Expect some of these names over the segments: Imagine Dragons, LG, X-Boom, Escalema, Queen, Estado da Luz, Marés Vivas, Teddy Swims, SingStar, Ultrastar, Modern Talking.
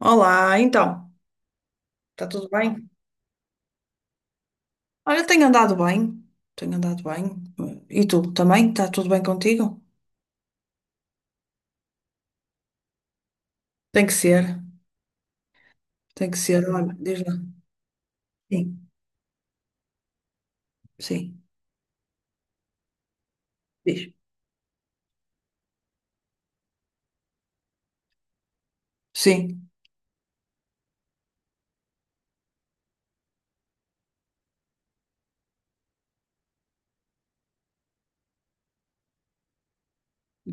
Olá, então, está tudo bem? Olha, tenho andado bem, tenho andado bem. E tu também? Está tudo bem contigo? Tem que ser, tem que ser. Olha, diz lá. Sim, sim, diz. Sim.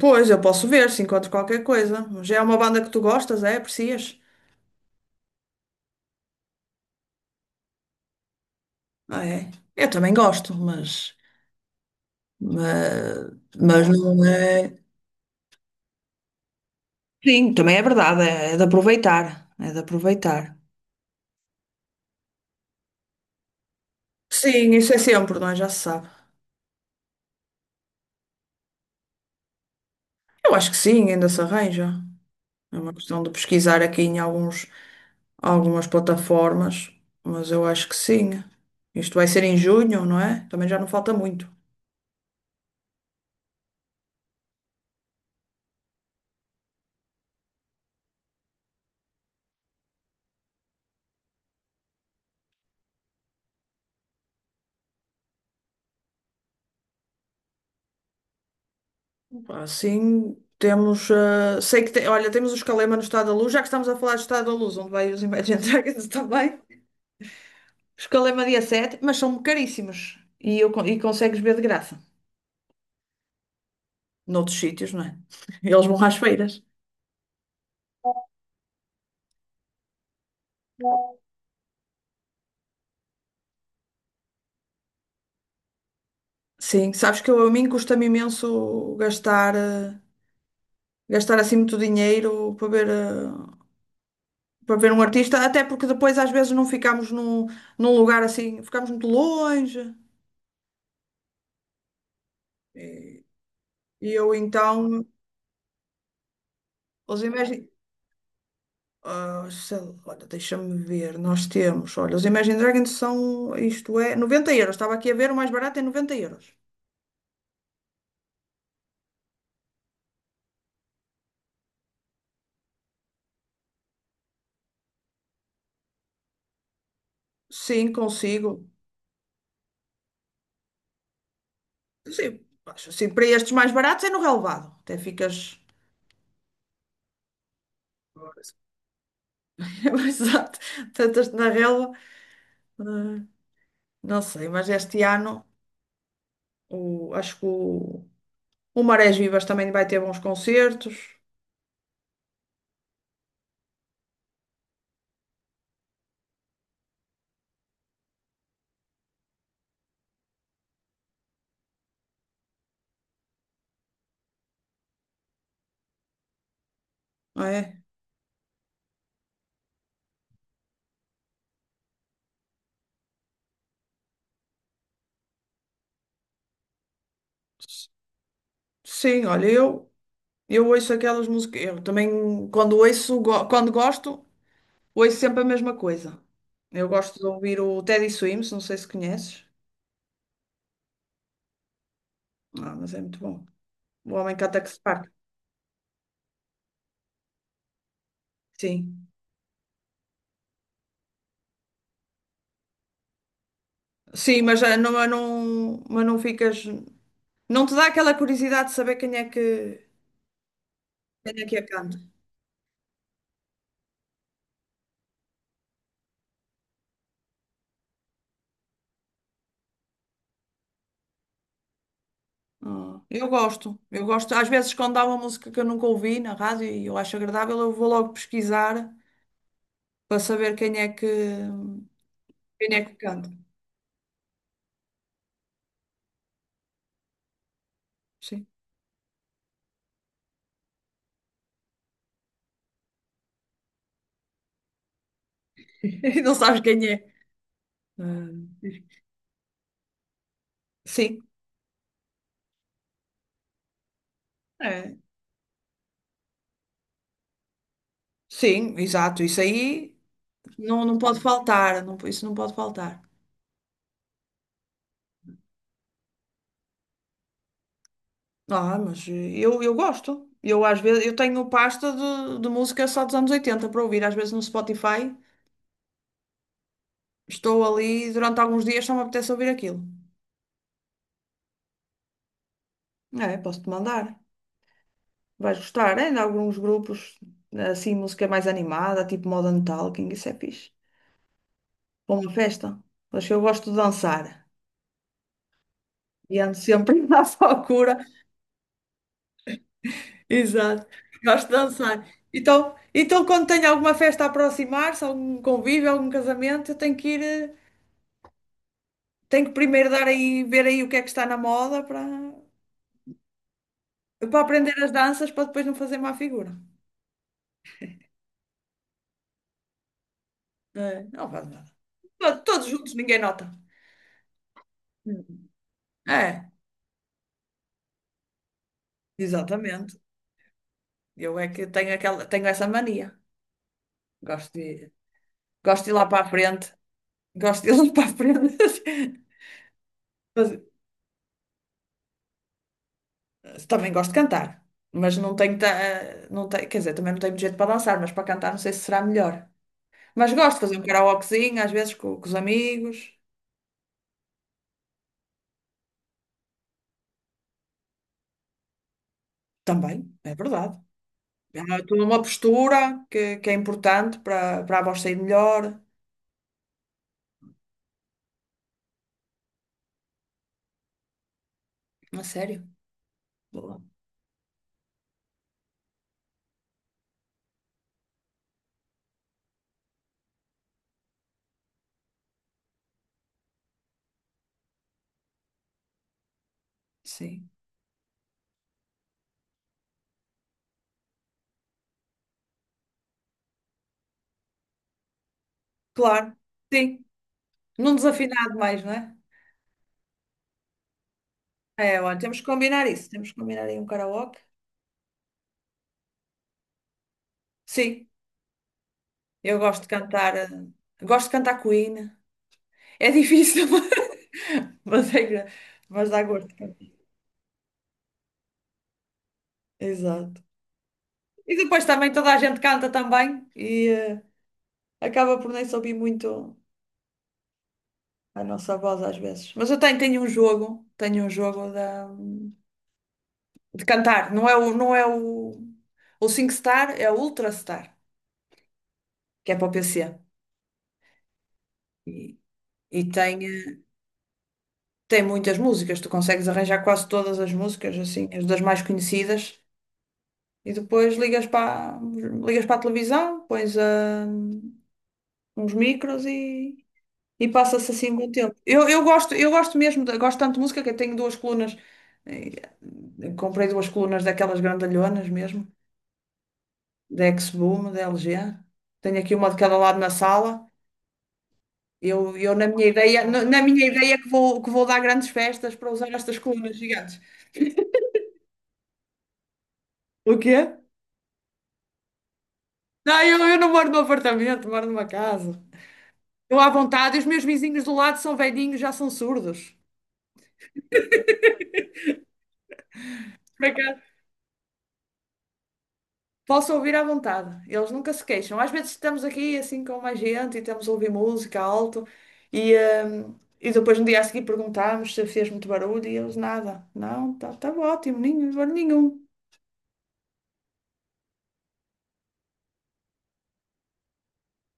Pois, eu posso ver se encontro qualquer coisa. Já é uma banda que tu gostas, é? Aprecias? Ah, é. Eu também gosto, mas, mas não é. Sim, também é verdade, é, é de aproveitar, é de aproveitar. Sim, isso é sempre, não é? Já se sabe. Eu acho que sim, ainda se arranja. É uma questão de pesquisar aqui em algumas plataformas, mas eu acho que sim. Isto vai ser em junho, não é? Também já não falta muito. Assim temos. Sei que tem, olha, temos o Escalema no Estado da Luz, já que estamos a falar do Estado da Luz, onde vai os Imagine Dragons também. Escalema dia 7, mas são caríssimos. E consegues ver de graça. Noutros sítios, não é? Eles vão às feiras. Sim, sabes que eu, a mim custa-me imenso gastar, gastar assim muito dinheiro para ver um artista, até porque depois às vezes não ficamos num lugar assim, ficamos muito longe. E eu então, os Imagine, sei lá, olha, deixa-me ver, nós temos, olha, os Imagine Dragons são, isto é, 90 euros, estava aqui a ver, o mais barato é 90 euros. Sim, consigo. Sim, acho assim, para estes mais baratos é no relvado, até ficas. Exato, tantas na relva. Ah, não sei, mas este ano acho que o Marés Vivas também vai ter bons concertos. Não é. Sim, olha, eu ouço aquelas músicas. Eu também, quando gosto, ouço sempre a mesma coisa. Eu gosto de ouvir o Teddy Swims, não sei se conheces. Ah, mas é muito bom. O homem que ataca se parte. Sim. Sim, mas não ficas. Não te dá aquela curiosidade de saber quem é que a canta. Ah, eu gosto, eu gosto. Às vezes, quando há uma música que eu nunca ouvi na rádio e eu acho agradável, eu vou logo pesquisar para saber quem é que. Quem é que canta? Sim. E não sabes quem é. Ah, sim, é. Sim, exato. Isso aí não pode faltar. Não, isso não pode faltar. Ah, mas eu gosto. Eu às vezes eu tenho pasta de música só dos anos 80 para ouvir. Às vezes no Spotify estou ali durante alguns dias só me apetece ouvir aquilo. É, posso-te mandar. Vais gostar. Ainda há alguns grupos assim, música mais animada, tipo Modern Talking. Isso é fixe. Para uma festa. Mas eu gosto de dançar. E ando sempre à procura. Exato. Gosto de dançar. Então quando tenho alguma festa a aproximar-se, algum convívio, algum casamento, eu tenho que primeiro dar aí, ver aí o que é que está na moda para aprender as danças para depois não fazer má figura. É, não faz nada. Todos juntos, ninguém nota. Hum. É, exatamente. Eu é que tenho essa mania. Gosto de, gosto de ir lá para a frente. Gosto de ir lá para a frente. Também gosto de cantar, mas não tenho, quer dizer, também não tenho muito jeito para dançar, mas para cantar não sei se será melhor. Mas gosto de fazer um karaokezinho, às vezes com, os amigos. Também, é verdade. É toda uma postura que é importante para a voz sair melhor. A sério? Boa. Sim. Claro. Sim. Não desafinado mais, não é? É, olha, temos que combinar isso. Temos que combinar aí um karaoke. Sim, eu gosto de cantar. Gosto de cantar Queen. É difícil, mas é gra- mas dá gosto. Exato. E depois também toda a gente canta também e acaba por nem se ouvir muito a nossa voz às vezes. Mas eu tenho um jogo de cantar. Não é o SingStar, é o Ultrastar, que é para o PC. E, e tem muitas músicas, tu consegues arranjar quase todas as músicas, assim, as das mais conhecidas. E depois ligas para a televisão, pões a uns micros e passa-se assim um bom tempo. Eu gosto mesmo, gosto tanto de música que eu tenho duas colunas. eh, Comprei duas colunas daquelas grandalhonas mesmo, da X-Boom, da LG. Tenho aqui uma de cada lado na sala. Eu, na minha ideia que vou dar grandes festas para usar estas colunas gigantes. O quê? Não, eu não moro num apartamento, moro numa casa. Estou à vontade, e os meus vizinhos do lado são velhinhos, já são surdos. Posso ouvir à vontade, eles nunca se queixam. Às vezes estamos aqui assim com mais gente e estamos a ouvir música alto e, e depois no dia a seguir perguntamos se fez muito barulho e eles nada. Não, tá ótimo, nenhum barulho nenhum.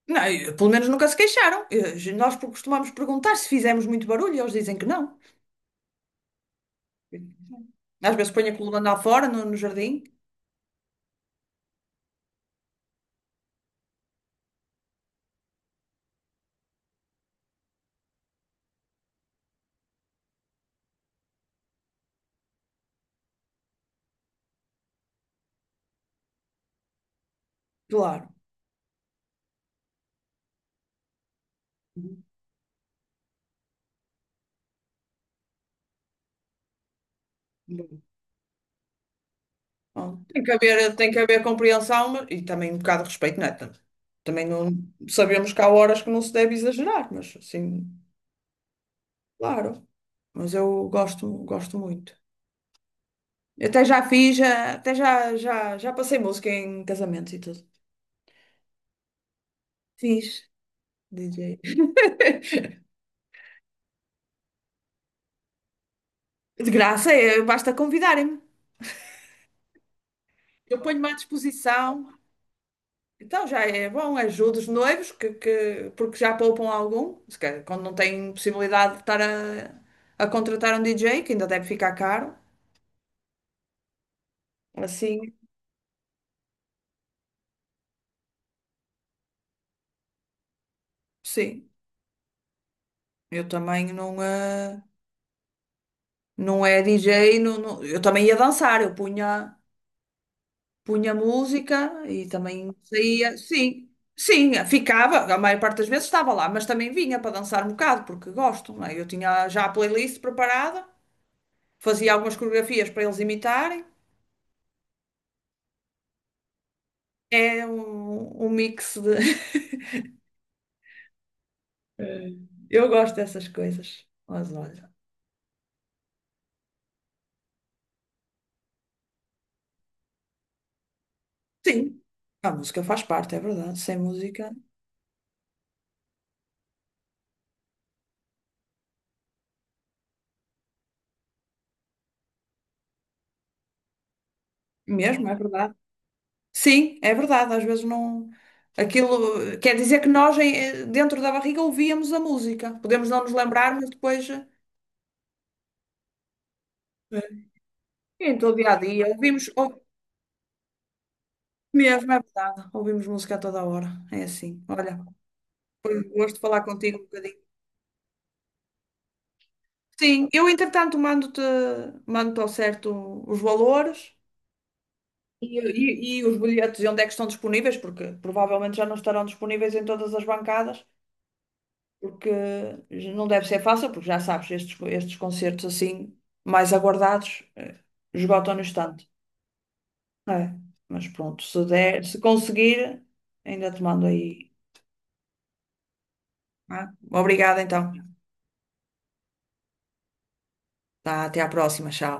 Não, e, pelo menos nunca se queixaram. E, nós costumamos perguntar se fizemos muito barulho e eles dizem que não. Às vezes ponho a coluna lá fora, no jardim. Claro. Bom, tem que haver compreensão e também um bocado de respeito, não é? Também não sabemos que há horas que não se deve exagerar, mas assim, claro. Mas eu gosto, gosto muito. Eu até já passei música em casamentos e tudo. Fiz. DJ. De graça, é, basta convidarem-me. Eu ponho-me à disposição. Então já é bom, ajudo os noivos, porque já poupam algum. Se calhar, quando não têm possibilidade de estar a contratar um DJ, que ainda deve ficar caro. Assim, sim. Eu também não é DJ, não, eu também ia dançar, eu punha música e também saía, sim, sim, ficava, a maior parte das vezes estava lá, mas também vinha para dançar um bocado, porque gosto, não é? Eu tinha já a playlist preparada, fazia algumas coreografias para eles imitarem, é um mix de. Eu gosto dessas coisas, mas olha, sim, a música faz parte, é verdade, sem música mesmo, é verdade. Sim, é verdade, às vezes não. Aquilo quer dizer que nós dentro da barriga ouvíamos a música. Podemos não nos lembrar, mas depois. É. Em todo o dia a dia ouvimos, mesmo, é verdade, ouvimos música a toda a hora. É assim. Olha, foi um gosto falar contigo um bocadinho. Sim, eu entretanto mando-te ao certo os valores e os bilhetes e onde é que estão disponíveis, porque provavelmente já não estarão disponíveis em todas as bancadas. Porque não deve ser fácil, porque já sabes, estes concertos assim, mais aguardados, esgotam no instante. É, mas pronto, se der, se conseguir, ainda te mando aí. Tá? Obrigada então. Tá, até à próxima, tchau.